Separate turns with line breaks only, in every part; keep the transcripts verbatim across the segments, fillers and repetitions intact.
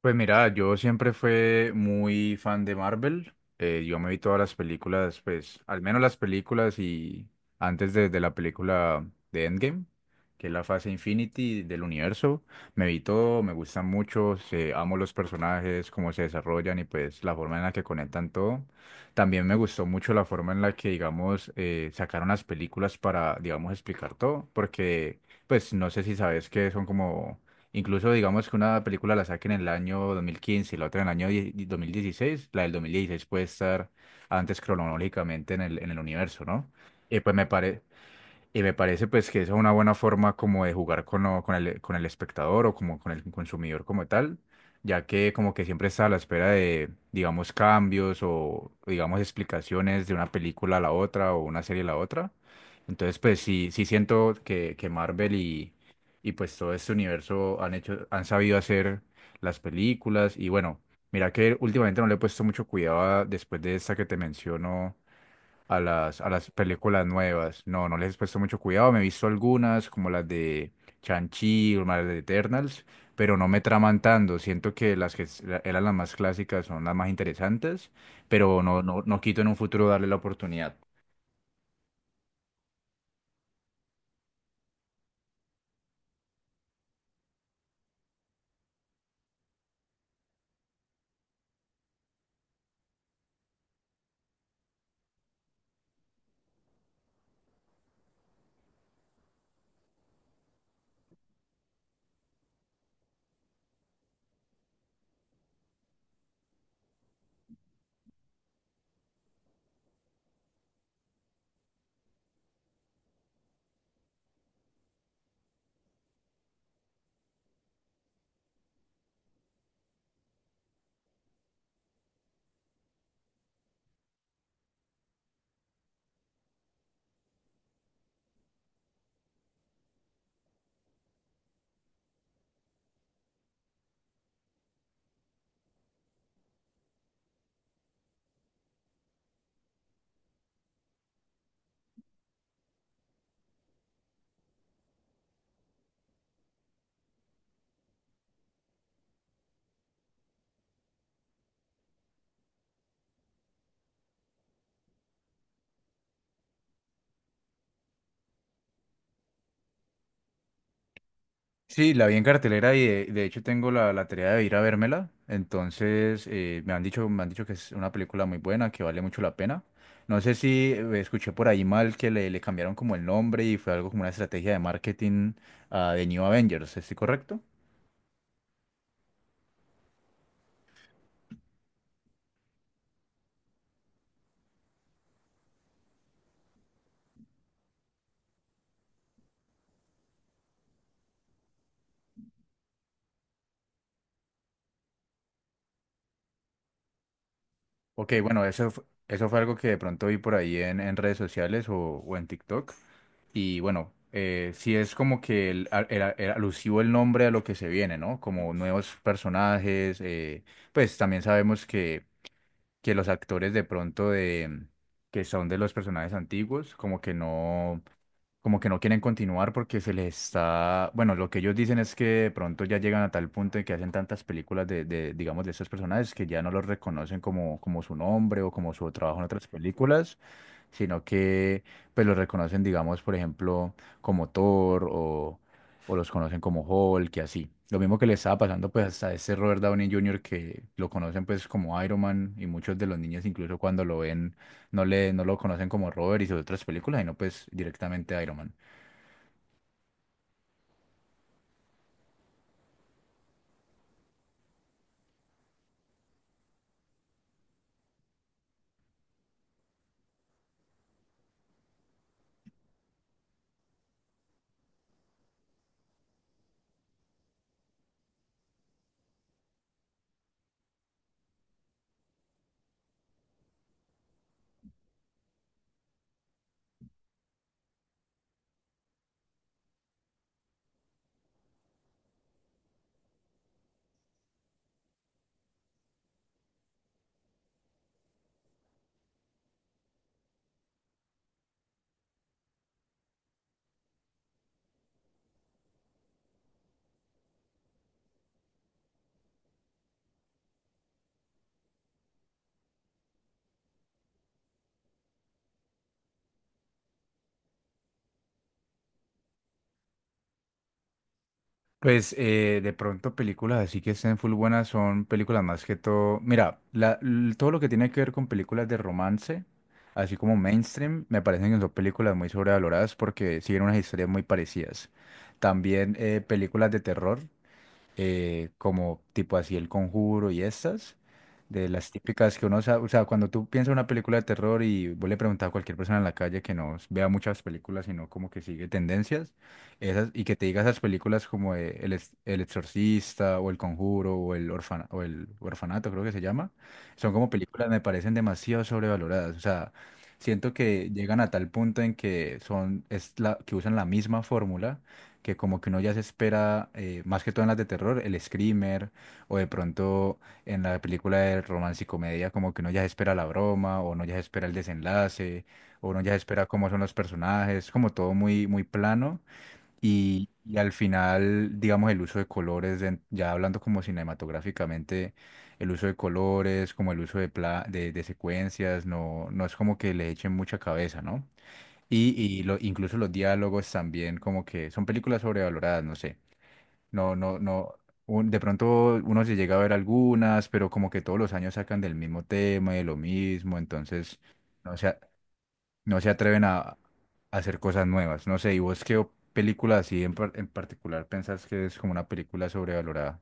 Pues mira, yo siempre fui muy fan de Marvel. Eh, yo me vi todas las películas, pues, al menos las películas y antes de, de la película de Endgame, que es la fase Infinity del universo. Me vi todo, me gustan mucho, se- amo los personajes, cómo se desarrollan y pues la forma en la que conectan todo. También me gustó mucho la forma en la que, digamos, eh, sacaron las películas para, digamos, explicar todo, porque, pues, no sé si sabes que son como. Incluso digamos que una película la saquen en el año dos mil quince y la otra en el año die- dos mil dieciséis, la del dos mil dieciséis puede estar antes cronológicamente en el, en el universo, ¿no? Y pues me parece... Y me parece pues que esa es una buena forma como de jugar con, lo- con el, con el espectador o como con el consumidor como tal, ya que como que siempre está a la espera de, digamos, cambios o digamos explicaciones de una película a la otra o una serie a la otra. Entonces pues sí, sí siento que, que Marvel y, y pues todo este universo han hecho, han sabido hacer las películas y bueno, mira que últimamente no le he puesto mucho cuidado a- después de esta que te menciono a las, a las películas nuevas. No, no les he puesto mucho cuidado. Me he visto algunas, como las de Chanchi o las de Eternals, pero no me traman tanto. Siento que las que s- eran las más clásicas son las más interesantes, pero no, no, no quito en un futuro darle la oportunidad. Sí, la vi en cartelera y de, de hecho tengo la, la tarea de ir a vérmela. Entonces, eh, me han dicho, me han dicho que es una película muy buena, que vale mucho la pena. No sé si eh, escuché por ahí mal que le, le cambiaron como el nombre y fue algo como una estrategia de marketing a The New Avengers, ¿estoy correcto? Ok, bueno, eso, fu- eso fue algo que de pronto vi por ahí en, en redes sociales o, o en TikTok. Y bueno, eh, sí es como que el, a- era- era alusivo el nombre a lo que se viene, ¿no? Como nuevos personajes, eh, pues también sabemos que, que los actores de pronto de, que son de los personajes antiguos, como que no como que no quieren continuar porque se les está, bueno, lo que ellos dicen es que de pronto ya llegan a tal punto en que hacen tantas películas de, de, digamos, de estos personajes que ya no los reconocen como, como su nombre o como su trabajo en otras películas, sino que pues los reconocen, digamos, por ejemplo, como Thor o, o los conocen como Hulk y así. Lo mismo que le estaba pasando pues a ese Robert Downey junior que lo conocen pues como Iron Man y muchos de los niños incluso cuando lo ven no le, no lo conocen como Robert y sus otras películas, sino pues directamente Iron Man. Pues eh, de pronto películas así que estén full buenas son películas más que todo. Mira, la- l- todo lo que tiene que ver con películas de romance, así como mainstream, me parecen que son películas muy sobrevaloradas porque siguen unas historias muy parecidas. También eh, películas de terror. Eh, como tipo así El Conjuro y estas, de las típicas que uno sabe, o sea, cuando tú piensas en una película de terror y vos le preguntas a cualquier persona en la calle que no vea muchas películas, sino como que sigue tendencias, esas, y que te diga esas películas como eh, El, Ex- El Exorcista o El Conjuro o El, Orfana- o El Orfanato, creo que se llama, son como películas me parecen demasiado sobrevaloradas, o sea, siento que llegan a tal punto en que son, es la, que usan la misma fórmula que como que uno ya se espera, eh, más que todo en las de terror, el screamer, o de pronto en la película de romance y comedia, como que uno ya se espera la broma, o uno ya se espera el desenlace, o uno ya se espera cómo son los personajes, como todo muy, muy plano, y, y al final, digamos, el uso de colores, den- ya hablando como cinematográficamente, el uso de colores, como el uso de, pla- de, de secuencias, no, no es como que le echen mucha cabeza, ¿no? Y, y lo, incluso los diálogos también, como que son películas sobrevaloradas, no sé. No, no, no. Un- de pronto uno se llega a ver algunas, pero como que todos los años sacan del mismo tema y de lo mismo, entonces no se, a- no se atreven a, a hacer cosas nuevas. No sé, ¿y vos qué o- película así en, par- en particular pensás que es como una película sobrevalorada?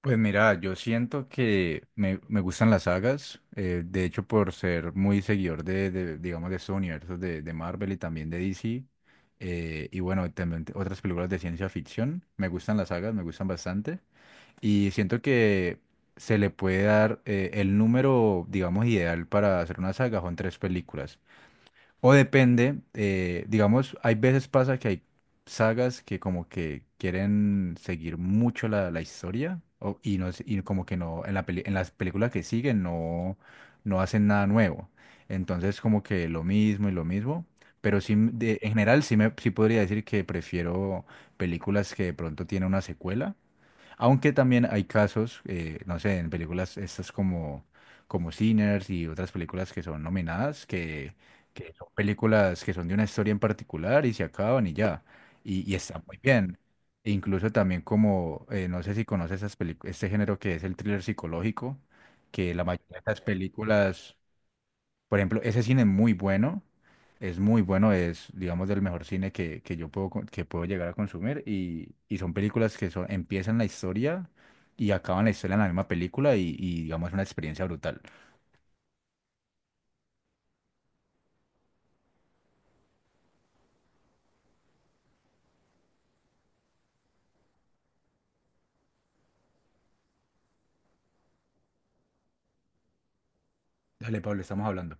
Pues mira, yo siento que me, me gustan las sagas, eh, de hecho por ser muy seguidor de, de, digamos, de estos universos de, de Marvel y también de D C, eh, y bueno, también t- otras películas de ciencia ficción, me gustan las sagas, me gustan bastante, y siento que se le puede dar eh, el número, digamos, ideal para hacer una saga, son tres películas. O depende, eh, digamos, hay veces pasa que hay sagas que como que quieren seguir mucho la, la historia o- y, no, es- y como que no, en la peli- en las películas que siguen no, no hacen nada nuevo. Entonces como que lo mismo y lo mismo, pero sí, m- de- en general sí, me, sí podría decir que prefiero películas que de pronto tienen una secuela, aunque también hay casos, eh, no sé, en películas estas como, como Sinners y otras películas que son nominadas, que, que son películas que son de una historia en particular y se acaban y ya. Y, y está muy bien. E incluso también como, eh, no sé si conoces esas pelic- este género que es el thriller psicológico, que la mayoría de estas películas... Por ejemplo, ese cine es muy bueno, es muy bueno, es, digamos, del mejor cine que, que yo puedo, con- que puedo llegar a consumir y, y son películas que son, empiezan la historia y acaban la historia en la misma película y, y digamos, es una experiencia brutal. Dale, Pablo, estamos hablando.